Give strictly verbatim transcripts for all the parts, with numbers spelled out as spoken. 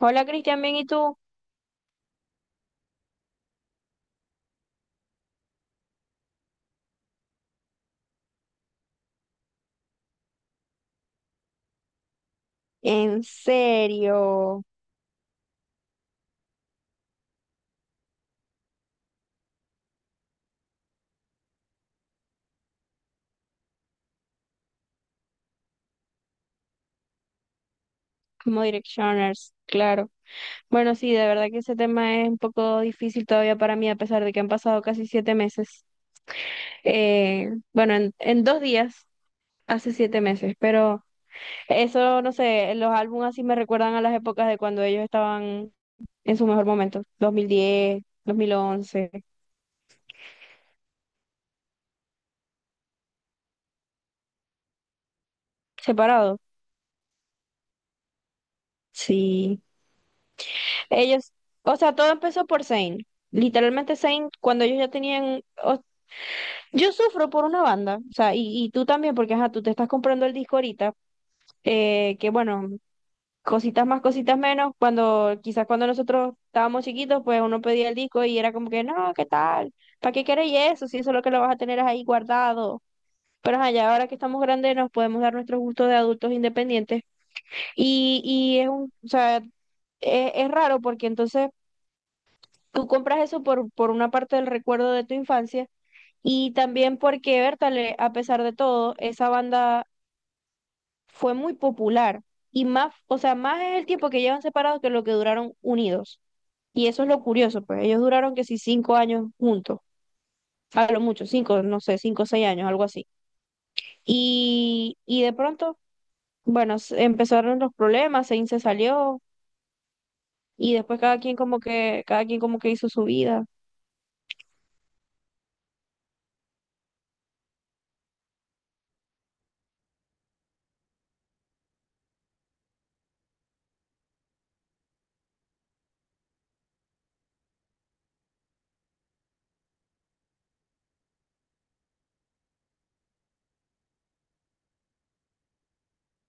Hola Cristian, bien, ¿y tú? ¿En serio? Como Directioners, claro. Bueno, sí, de verdad que ese tema es un poco difícil todavía para mí, a pesar de que han pasado casi siete meses. Eh, bueno, en, en dos días, hace siete meses, pero eso, no sé, los álbumes así me recuerdan a las épocas de cuando ellos estaban en su mejor momento, dos dos mil diez, dos mil once, separados. Sí, ellos, o sea, todo empezó por Zayn. Literalmente Zayn, cuando ellos ya tenían o- Yo sufro por una banda, o sea, y, y tú también, porque ajá, tú te estás comprando el disco ahorita, eh, que bueno, cositas más, cositas menos, cuando quizás cuando nosotros estábamos chiquitos, pues uno pedía el disco y era como que, no, ¿qué tal? ¿Para qué queréis eso? Si eso es lo que lo vas a tener ahí guardado. Pero ajá, ya ahora que estamos grandes nos podemos dar nuestros gustos de adultos independientes. Y, y es un, o sea, es, es raro porque entonces tú compras eso por, por una parte del recuerdo de tu infancia y también porque Bertale, a pesar de todo, esa banda fue muy popular. Y más, o sea, más es el tiempo que llevan separados que lo que duraron unidos. Y eso es lo curioso, pues ellos duraron que sí cinco años juntos, a lo mucho, cinco, no sé, cinco o seis años, algo así. Y, y de pronto, bueno, se- empezaron los problemas, Zayn se salió, y después cada quien como que, cada quien como que hizo su vida.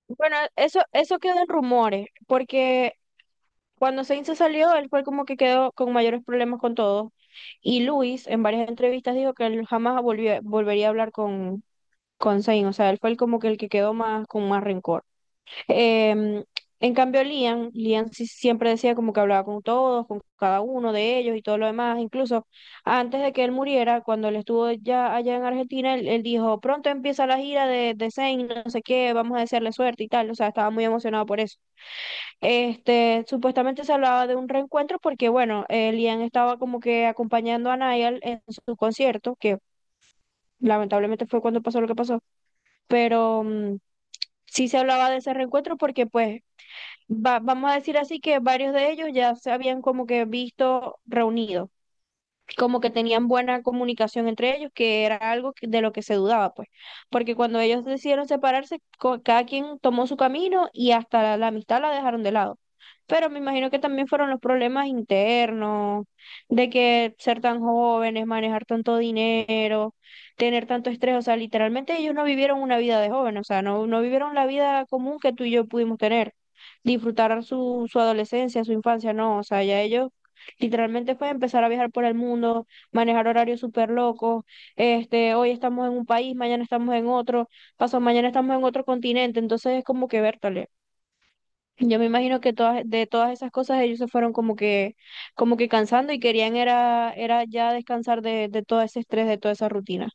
Bueno, eso, eso quedó en rumores, porque cuando Sainz se salió, él fue como que quedó con mayores problemas con todo. Y Luis, en varias entrevistas, dijo que él jamás volvió- volvería a hablar con, con Sainz. O sea, él fue el como que el que quedó más con más rencor. Em, en cambio, Liam, Liam sí siempre decía como que hablaba con todos, con cada uno de ellos y todo lo demás. Incluso antes de que él muriera, cuando él estuvo ya allá en Argentina, él, él dijo, pronto empieza la gira de, de Zayn, no sé qué, vamos a desearle suerte y tal. O sea, estaba muy emocionado por eso. Este, supuestamente se hablaba de un reencuentro porque, bueno, eh, Liam estaba como que acompañando a Niall en su concierto, que lamentablemente fue cuando pasó lo que pasó, pero... mm, Sí se hablaba de ese reencuentro porque pues va- vamos a decir así que varios de ellos ya se habían como que visto reunidos, como que tenían buena comunicación entre ellos, que era algo que- de lo que se dudaba, pues, porque cuando ellos decidieron separarse, co- cada quien tomó su camino y hasta la, la amistad la dejaron de lado. Pero me imagino que también fueron los problemas internos, de que ser tan jóvenes, manejar tanto dinero, tener tanto estrés, o sea, literalmente ellos no vivieron una vida de joven, o sea, no, no vivieron la vida común que tú y yo pudimos tener, disfrutar su, su adolescencia, su infancia, no, o sea, ya ellos literalmente fue empezar a viajar por el mundo, manejar horarios súper locos. Este, hoy estamos en un país, mañana estamos en otro, pasado mañana estamos en otro continente. Entonces es como que vértale. Yo me imagino que todas, de todas esas cosas ellos se fueron como que, como que cansando y querían era, era ya descansar de, de todo ese estrés, de toda esa rutina.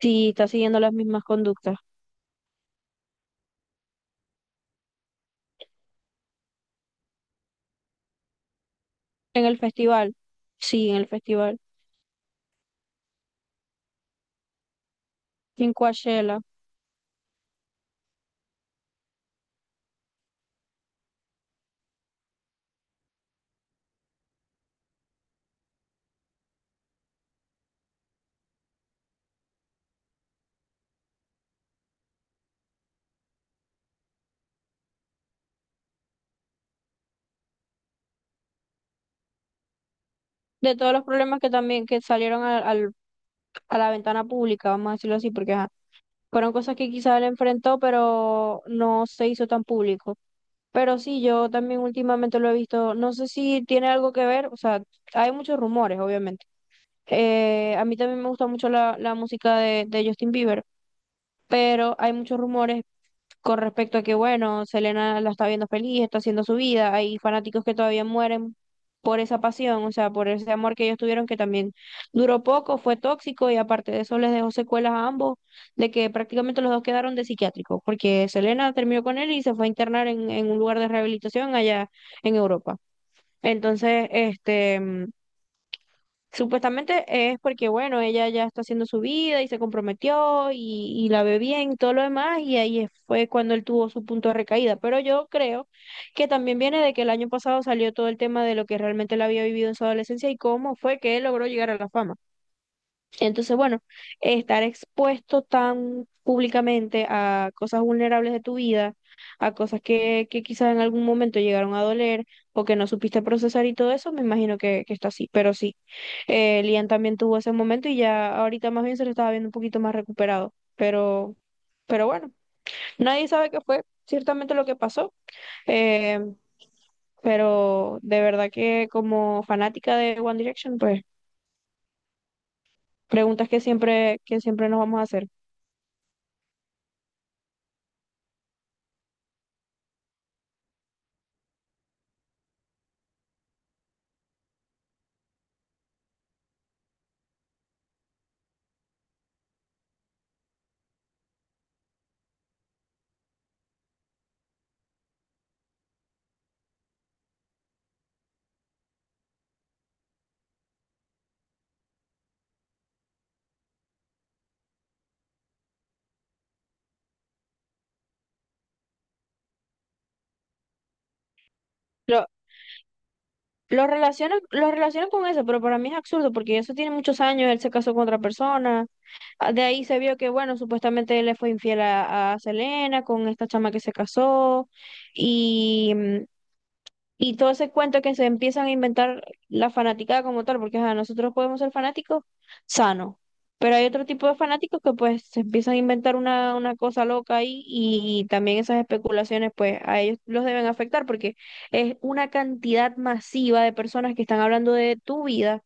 Sí, está siguiendo las mismas conductas. En el festival, sí, en el festival. En Coachella. De todos los problemas que también que salieron al, al- a la ventana pública, vamos a decirlo así, porque ajá, fueron cosas que quizás él enfrentó, pero no se hizo tan público. Pero sí, yo también últimamente lo he visto, no sé si tiene algo que ver, o sea, hay muchos rumores, obviamente. Eh, a mí también me gusta mucho la, la música de, de Justin Bieber, pero hay muchos rumores con respecto a que, bueno, Selena la está viendo feliz, está haciendo su vida, hay fanáticos que todavía mueren por esa pasión, o sea, por ese amor que ellos tuvieron que también duró poco, fue tóxico y aparte de eso les dejó secuelas a ambos, de que prácticamente los dos quedaron de psiquiátricos porque Selena terminó con él y se fue a internar en, en un lugar de rehabilitación allá en Europa. Entonces, este... Supuestamente es porque, bueno, ella ya está haciendo su vida y se comprometió y, y la ve bien y todo lo demás, y ahí es- fue cuando él tuvo su punto de recaída. Pero yo creo que también viene de que el año pasado salió todo el tema de lo que realmente él había vivido en su adolescencia y cómo fue que él logró llegar a la fama. Entonces, bueno, estar expuesto tan públicamente a cosas vulnerables de tu vida, a cosas que, que quizás en algún momento llegaron a doler o que no supiste procesar y todo eso, me imagino que, que está así. Pero sí, eh, Lian también tuvo ese momento y ya ahorita más bien se lo estaba viendo un poquito más recuperado. Pero, pero bueno, nadie sabe qué fue ciertamente lo que pasó. Eh, pero de verdad que como fanática de One Direction, pues preguntas que siempre, que siempre nos vamos a hacer. Lo, lo relacionan, lo relacionan con eso, pero para mí es absurdo porque eso tiene muchos años, él se casó con otra persona. Ah, de ahí se vio que, bueno, supuestamente él le fue infiel a, a Selena con esta chama que se casó. Y, mm, y todo ese cuento que se empiezan a inventar la fanaticada como tal, porque ajá, nosotros podemos ser fanáticos sanos, pero hay otro tipo de fanáticos que pues se empiezan a inventar una, una cosa loca ahí y también esas especulaciones pues a ellos los deben afectar porque es una cantidad masiva de personas que están hablando de tu vida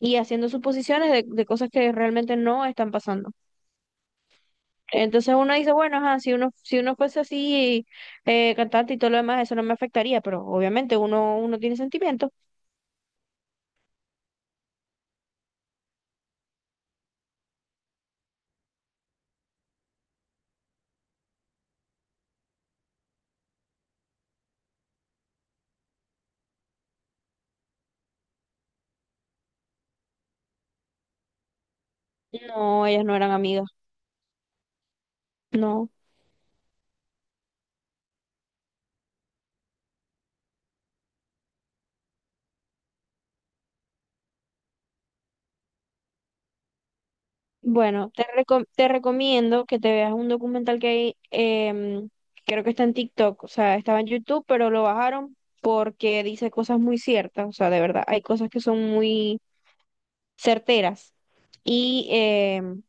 y haciendo suposiciones de, de cosas que realmente no están pasando. Entonces uno dice, bueno, ajá, si uno, si uno fuese así eh, cantante y todo lo demás, eso no me afectaría, pero obviamente uno, uno tiene sentimientos. No, ellas no eran amigas, no. Bueno, te, reco- te recomiendo que te veas un documental que hay, em, creo que está en TikTok, o sea, estaba en YouTube, pero lo bajaron porque dice cosas muy ciertas, o sea, de verdad, hay cosas que son muy certeras. Y em,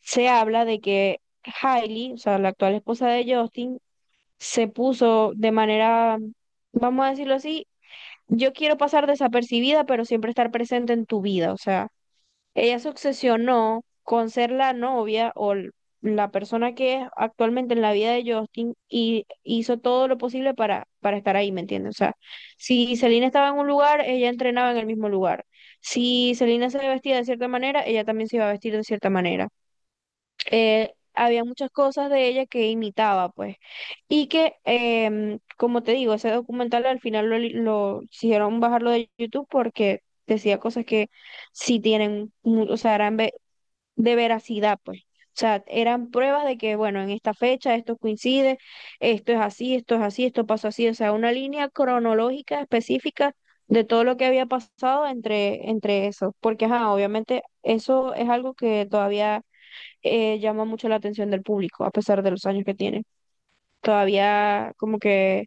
se habla de que Hailey, o sea, la actual esposa de Justin, se puso de manera, vamos a decirlo así, yo quiero pasar desapercibida, pero siempre estar presente en tu vida, o sea. Ella se obsesionó con ser la novia o l- la persona que es actualmente en la vida de Justin y hizo todo lo posible para, para estar ahí, ¿me entiendes? O sea, si Selena estaba en un lugar, ella entrenaba en el mismo lugar. Si Selena se vestía de cierta manera, ella también se iba a vestir de cierta manera, eh, había muchas cosas de ella que imitaba, pues. Y que, em, como te digo, ese documental al final lo, li- lo hicieron bajarlo de YouTube porque decía cosas que sí tienen, mu- o sea, eran ve- de veracidad, pues. O sea, eran pruebas de que, bueno, en esta fecha esto coincide, esto es así, esto es así, esto pasó así, o sea, una línea cronológica específica de todo lo que había pasado entre, entre eso, porque, ajá, obviamente eso es algo que todavía eh, llama mucho la atención del público, a pesar de los años que tiene. Todavía como que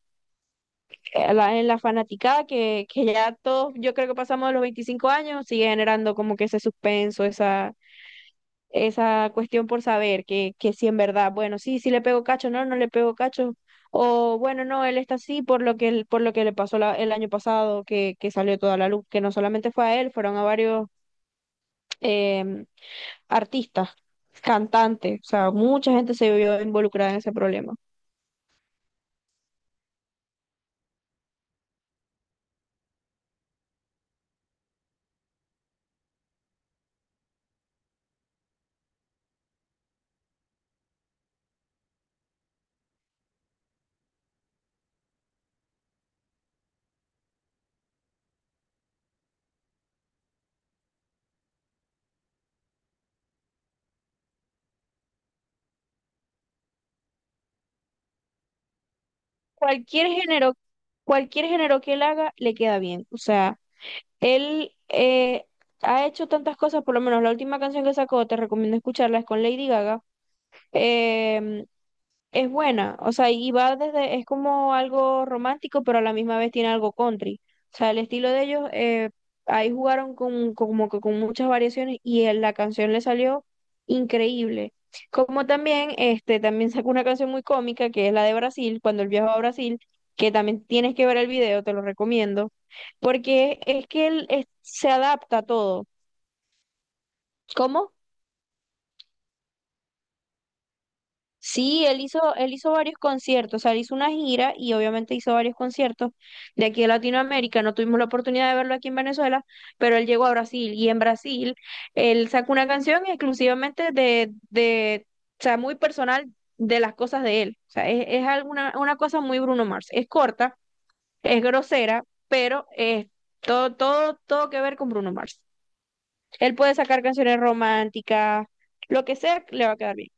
eh, la- en la fanaticada, que, que ya todos, yo creo que pasamos de los veinticinco años, sigue generando como que ese suspenso, esa, esa cuestión por saber que, que si en verdad, bueno, sí, sí le pego cacho, no, no le pego cacho. O bueno, no, él está así por lo que, él- por lo que le pasó la- el año pasado, que, que salió toda la luz, que no solamente fue a él, fueron a varios em, artistas, cantantes, o sea, mucha gente se vio involucrada en ese problema. Cualquier género, cualquier género que él haga, le queda bien. O sea, él eh, ha hecho tantas cosas, por lo menos la última canción que sacó, te recomiendo escucharla, es con Lady Gaga. Em, es buena, o sea, y va desde, es como algo romántico, pero a la misma vez tiene algo country. O sea, el estilo de ellos, eh, ahí jugaron con, con- como que con muchas variaciones y en la canción le salió increíble. Como también, este, también sacó una canción muy cómica que es la de Brasil, cuando él viajó a Brasil, que también tienes que ver el video, te lo recomiendo porque es que él es- se adapta a todo. ¿Cómo? Sí, él hizo, él hizo varios conciertos, o sea, él hizo una gira y obviamente hizo varios conciertos de aquí de Latinoamérica. No tuvimos la oportunidad de verlo aquí en Venezuela, pero él llegó a Brasil y en Brasil él sacó una canción exclusivamente de, de, o sea, muy personal de las cosas de él. O sea, es, es alguna, una cosa muy Bruno Mars. Es corta, es grosera, pero es todo, todo, todo que ver con Bruno Mars. Él puede sacar canciones románticas, lo que sea, le va a quedar bien.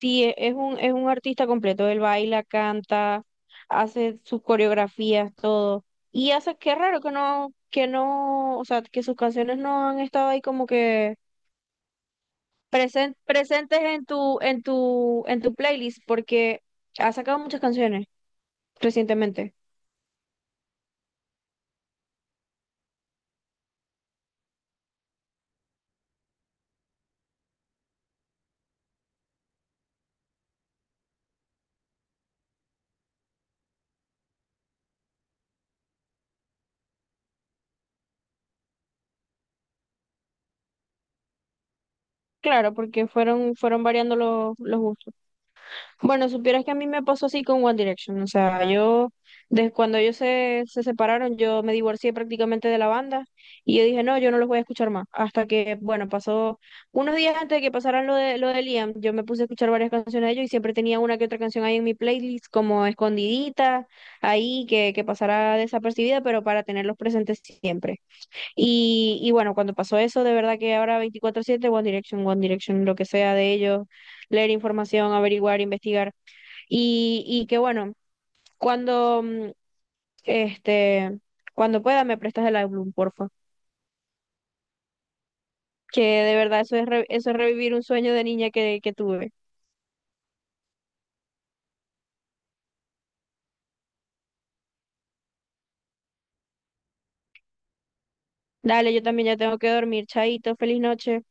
Sí, e- es un, es un artista completo. Él baila, canta, hace sus coreografías, todo. Y hace, qué raro que no, que no, o sea, que sus canciones no han estado ahí como que presen- presentes en tu, en tu, en tu playlist, porque ha sacado muchas canciones recientemente. Claro, porque fueron, fueron variando los, los gustos. Bueno, supieras que a mí me pasó así con One Direction. O sea, yo, desde cuando ellos se, se separaron, yo me divorcié prácticamente de la banda y yo dije, no, yo no los voy a escuchar más. Hasta que, bueno, pasó unos días antes de que pasaran lo de, lo de Liam, yo me puse a escuchar varias canciones de ellos y siempre tenía una que otra canción ahí en mi playlist, como escondidita, ahí que, que pasara desapercibida, pero para tenerlos presentes siempre. Y, y bueno, cuando pasó eso, de verdad que ahora veinticuatro siete One Direction, One Direction, lo que sea de ellos, leer información, averiguar, investigar. Y, y que bueno, cuando mm, este, cuando pueda me prestas el álbum, porfa. Que de verdad eso es re- eso es revivir un sueño de niña que, que tuve. Dale, yo también ya tengo que dormir. Chaito, feliz noche.